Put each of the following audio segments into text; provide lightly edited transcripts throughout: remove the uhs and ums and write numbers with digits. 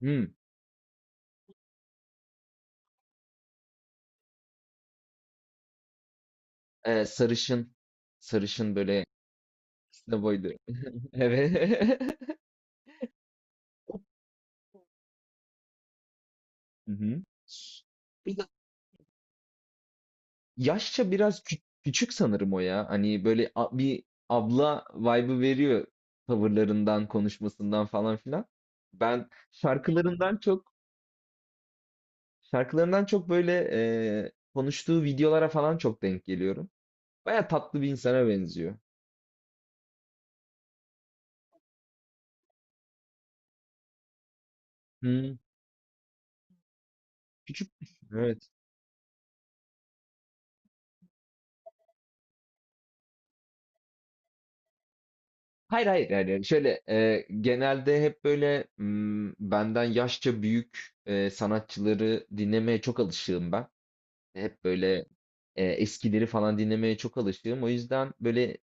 Hmm. Sarışın, sarışın böyle kısa boylu. Evet. Hı hı. Bir de yaşça biraz küçük sanırım o ya. Hani böyle bir abla vibe'ı veriyor tavırlarından, konuşmasından falan filan. Ben şarkılarından çok böyle, konuştuğu videolara falan çok denk geliyorum. Baya tatlı bir insana benziyor. Hımm. Küçük. Evet. Hayır, hayır, yani şöyle genelde hep böyle benden yaşça büyük sanatçıları dinlemeye çok alışığım ben. Hep böyle eskileri falan dinlemeye çok alışığım. O yüzden böyle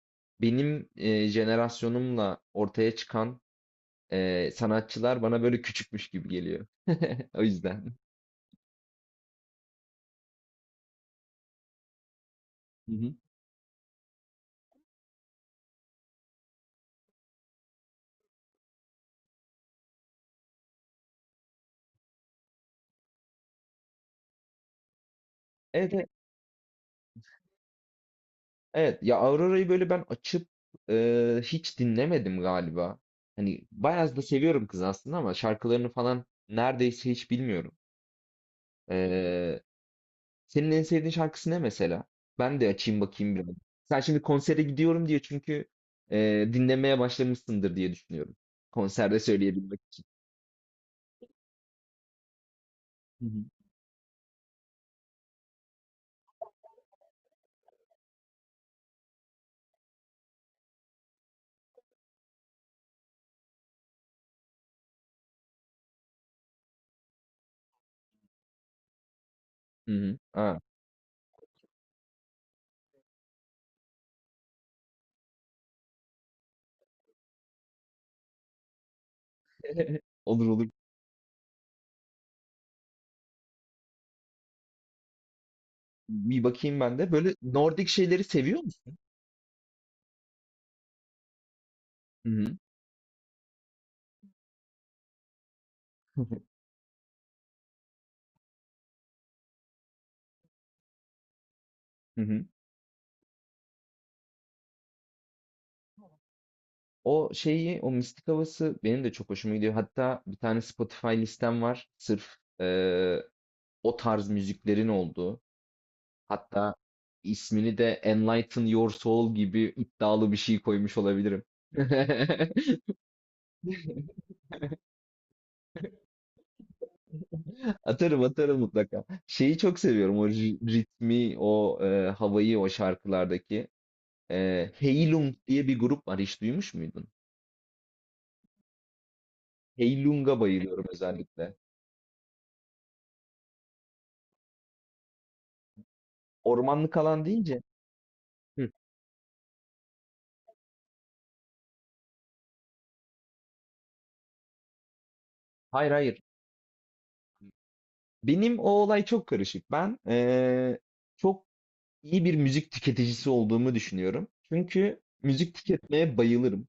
benim jenerasyonumla ortaya çıkan sanatçılar bana böyle küçükmüş gibi geliyor. O yüzden. Hı hı. Evet, evet. Evet ya Aurora'yı böyle ben açıp hiç dinlemedim galiba. Hani bayağı da seviyorum kız aslında ama şarkılarını falan neredeyse hiç bilmiyorum. E, senin en sevdiğin şarkısı ne mesela? Ben de açayım bakayım biraz. Sen şimdi konsere gidiyorum diye çünkü dinlemeye başlamışsındır diye düşünüyorum. Konserde söyleyebilmek. Hı hı. Hı hı. Ha. Olur, olur. Bir bakayım ben de. Böyle Nordik şeyleri seviyor musun? Hı hı. Hı hı. O şeyi, o mistik havası benim de çok hoşuma gidiyor. Hatta bir tane Spotify listem var. Sırf o tarz müziklerin olduğu. Hatta ismini de Enlighten Your Soul gibi iddialı bir şey koymuş olabilirim. Atarım, atarım mutlaka. Şeyi çok seviyorum. O ritmi, o havayı o şarkılardaki. Heylung diye bir grup var. Hiç duymuş muydun? Heylung'a bayılıyorum özellikle. Ormanlık alan deyince. Hı. Hayır, hayır. Benim o olay çok karışık. Ben çok iyi bir müzik tüketicisi olduğumu düşünüyorum. Çünkü müzik tüketmeye bayılırım.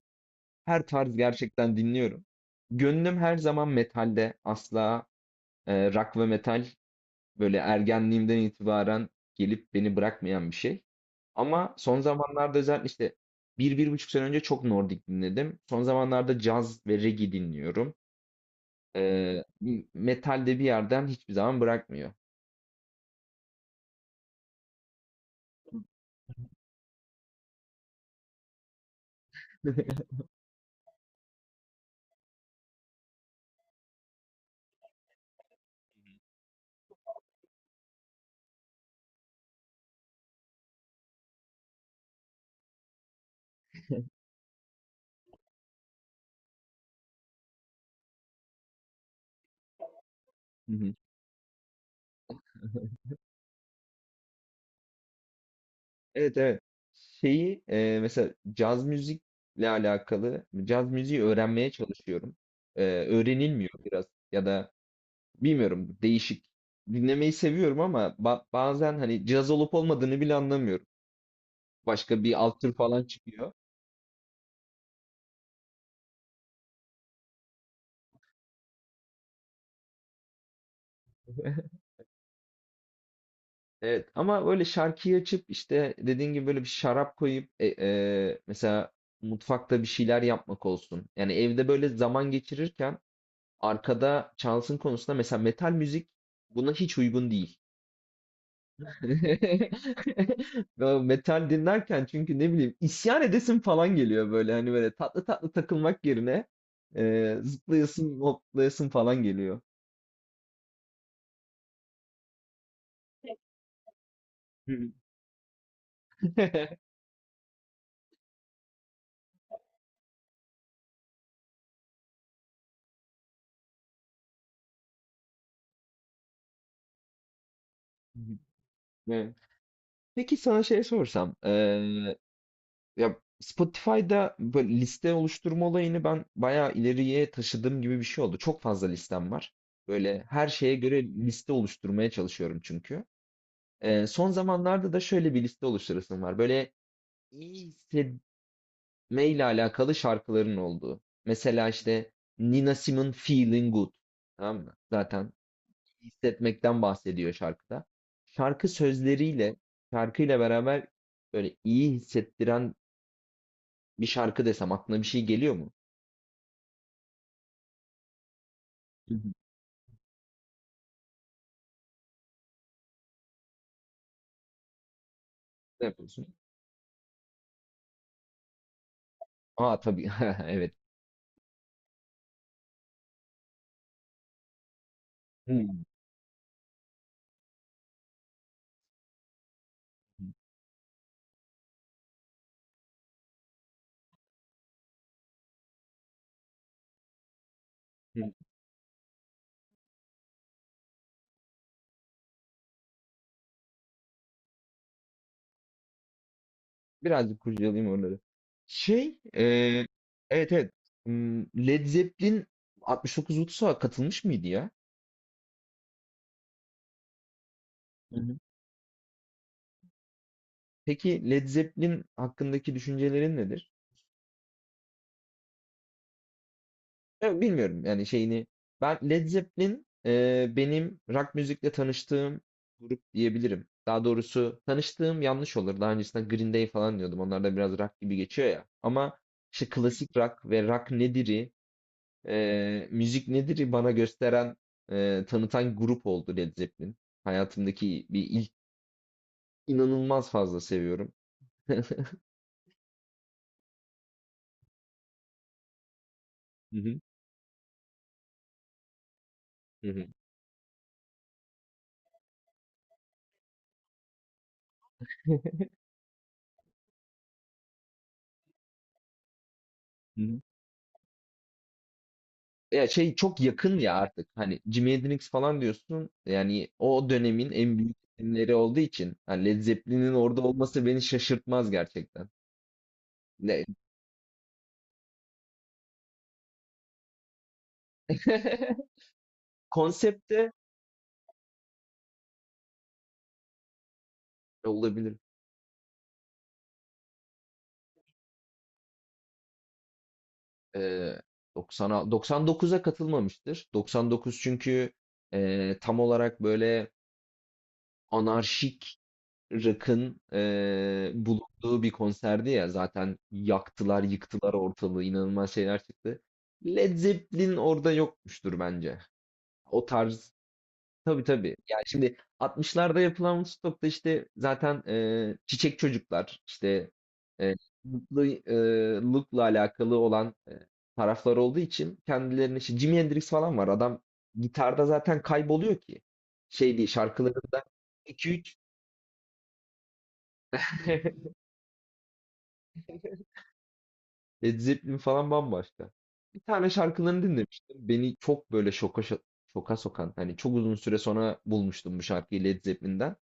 Her tarz gerçekten dinliyorum. Gönlüm her zaman metalde. Asla rock ve metal böyle ergenliğimden itibaren gelip beni bırakmayan bir şey. Ama son zamanlarda özellikle işte bir, bir buçuk sene önce çok Nordik dinledim. Son zamanlarda caz ve reggae dinliyorum. Eee, metal de bir yerden hiçbir zaman bırakmıyor. Hı hı. Evet, evet. Şeyi mesela caz müzikle alakalı caz müziği öğrenmeye çalışıyorum. Öğrenilmiyor biraz ya da bilmiyorum değişik. Dinlemeyi seviyorum ama bazen hani caz olup olmadığını bile anlamıyorum. Başka bir alt tür falan çıkıyor. Evet ama böyle şarkıyı açıp işte dediğin gibi böyle bir şarap koyup mesela mutfakta bir şeyler yapmak olsun. Yani evde böyle zaman geçirirken arkada çalsın konusunda mesela metal müzik buna hiç uygun değil. Ve metal dinlerken çünkü ne bileyim isyan edesin falan geliyor böyle hani böyle tatlı tatlı takılmak yerine zıplayasın hoplayasın falan geliyor. Evet. Peki sana şey sorsam, ya Spotify'da böyle liste oluşturma olayını ben bayağı ileriye taşıdığım gibi bir şey oldu. Çok fazla listem var. Böyle her şeye göre liste oluşturmaya çalışıyorum çünkü. Son zamanlarda da şöyle bir liste oluşturasım var. Böyle iyi hissetmeyle alakalı şarkıların olduğu. Mesela işte Nina Simone Feeling Good. Tamam mı? Zaten iyi hissetmekten bahsediyor şarkıda. Şarkı sözleriyle, şarkıyla beraber böyle iyi hissettiren bir şarkı desem aklına bir şey geliyor mu? Hı hı. Ne yapıyorsun? Aa, tabii. Evet. Hmm. Birazcık kurcalayayım onları. Şey, evet, evet. Hmm, Led Zeppelin 69 Ulus'a katılmış mıydı ya? Hı hı. Peki Led Zeppelin hakkındaki düşüncelerin nedir? Ya, bilmiyorum yani şeyini. Ben Led Zeppelin benim rock müzikle tanıştığım grup diyebilirim. Daha doğrusu tanıştığım yanlış olur. Daha öncesinde Green Day falan diyordum. Onlar da biraz rock gibi geçiyor ya. Ama işte klasik rock ve rock nedir'i müzik nedir bana gösteren, tanıtan grup oldu Led Zeppelin. Hayatımdaki bir ilk, inanılmaz fazla seviyorum. Hı hı. Hı hı. Hı hı. Ya şey çok yakın ya artık. Hani Jimi Hendrix falan diyorsun. Yani o dönemin en büyük isimleri olduğu için hani Led Zeppelin'in orada olması beni şaşırtmaz gerçekten. Ne? Konsepte olabilir. Ee, 90'a 99'a katılmamıştır. 99 çünkü tam olarak böyle anarşik rock'ın bulunduğu bir konserdi ya, zaten yaktılar yıktılar ortalığı, inanılmaz şeyler çıktı. Led Zeppelin orada yokmuştur bence. O tarz. Tabii, tabii. Yani şimdi 60'larda yapılan Woodstock'ta işte zaten çiçek çocuklar işte eee mutlu look'la alakalı olan taraflar olduğu için kendilerine işte Jimi Hendrix falan var. Adam gitarda zaten kayboluyor ki. Şey değil şarkılarında 2-3. Led Zeppelin falan bambaşka. Bir tane şarkılarını dinlemiştim. Beni çok böyle şoka sokan. Hani çok uzun süre sonra bulmuştum bu şarkıyı Led Zeppelin'den.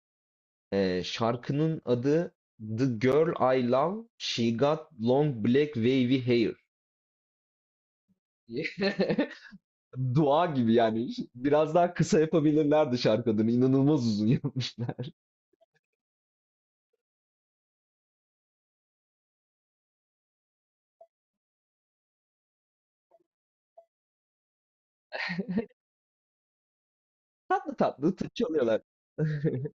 Şarkının adı The Girl I Love, She Got Long Black Wavy Hair. Dua gibi yani. Biraz daha kısa yapabilirlerdi şarkı adını. İnanılmaz uzun yapmışlar. Tatlı tatlı çalıyorlar.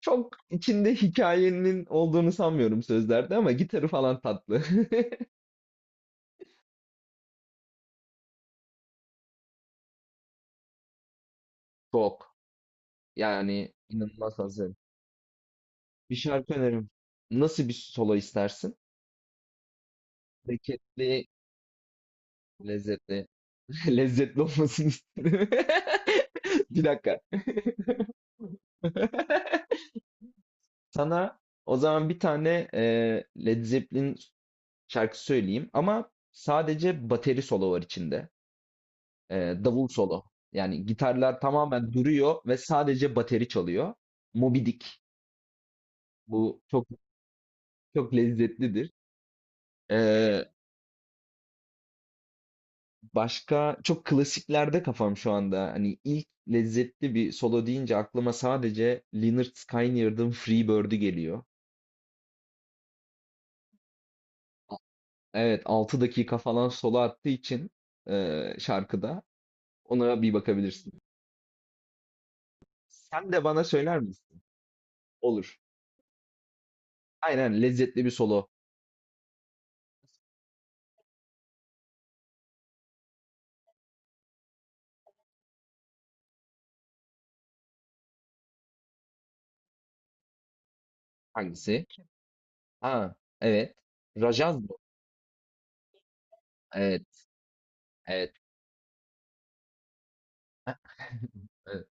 Çok içinde hikayenin olduğunu sanmıyorum sözlerde ama gitarı falan tatlı. Çok. Yani inanılmaz hazırım. Bir şarkı önerim. Nasıl bir solo istersin? Hareketli, lezzetli. Lezzetli olmasını isterim. Bir dakika. Sana o zaman bir tane Led Zeppelin şarkı söyleyeyim ama sadece bateri solo var içinde. E, davul solo. Yani gitarlar tamamen duruyor ve sadece bateri çalıyor. Moby Dick. Bu çok çok lezzetlidir. E, Başka çok klasiklerde kafam şu anda. Hani ilk lezzetli bir solo deyince aklıma sadece Lynyrd Skynyrd'ın Freebird'ü geliyor. Evet, 6 dakika falan solo attığı için şarkıda ona bir bakabilirsin. Sen de bana söyler misin? Olur. Aynen lezzetli bir solo hangisi? Ha, evet. Rajaz mı? Evet. Evet. Evet.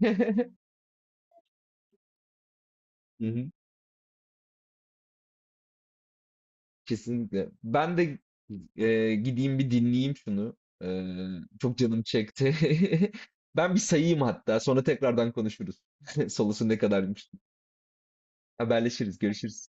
Hı hı. Kesinlikle. Ben de, gideyim bir dinleyeyim şunu. Eee, çok canım çekti. Ben bir sayayım hatta, sonra tekrardan konuşuruz. Solusu ne kadarmış? Haberleşiriz, görüşürüz.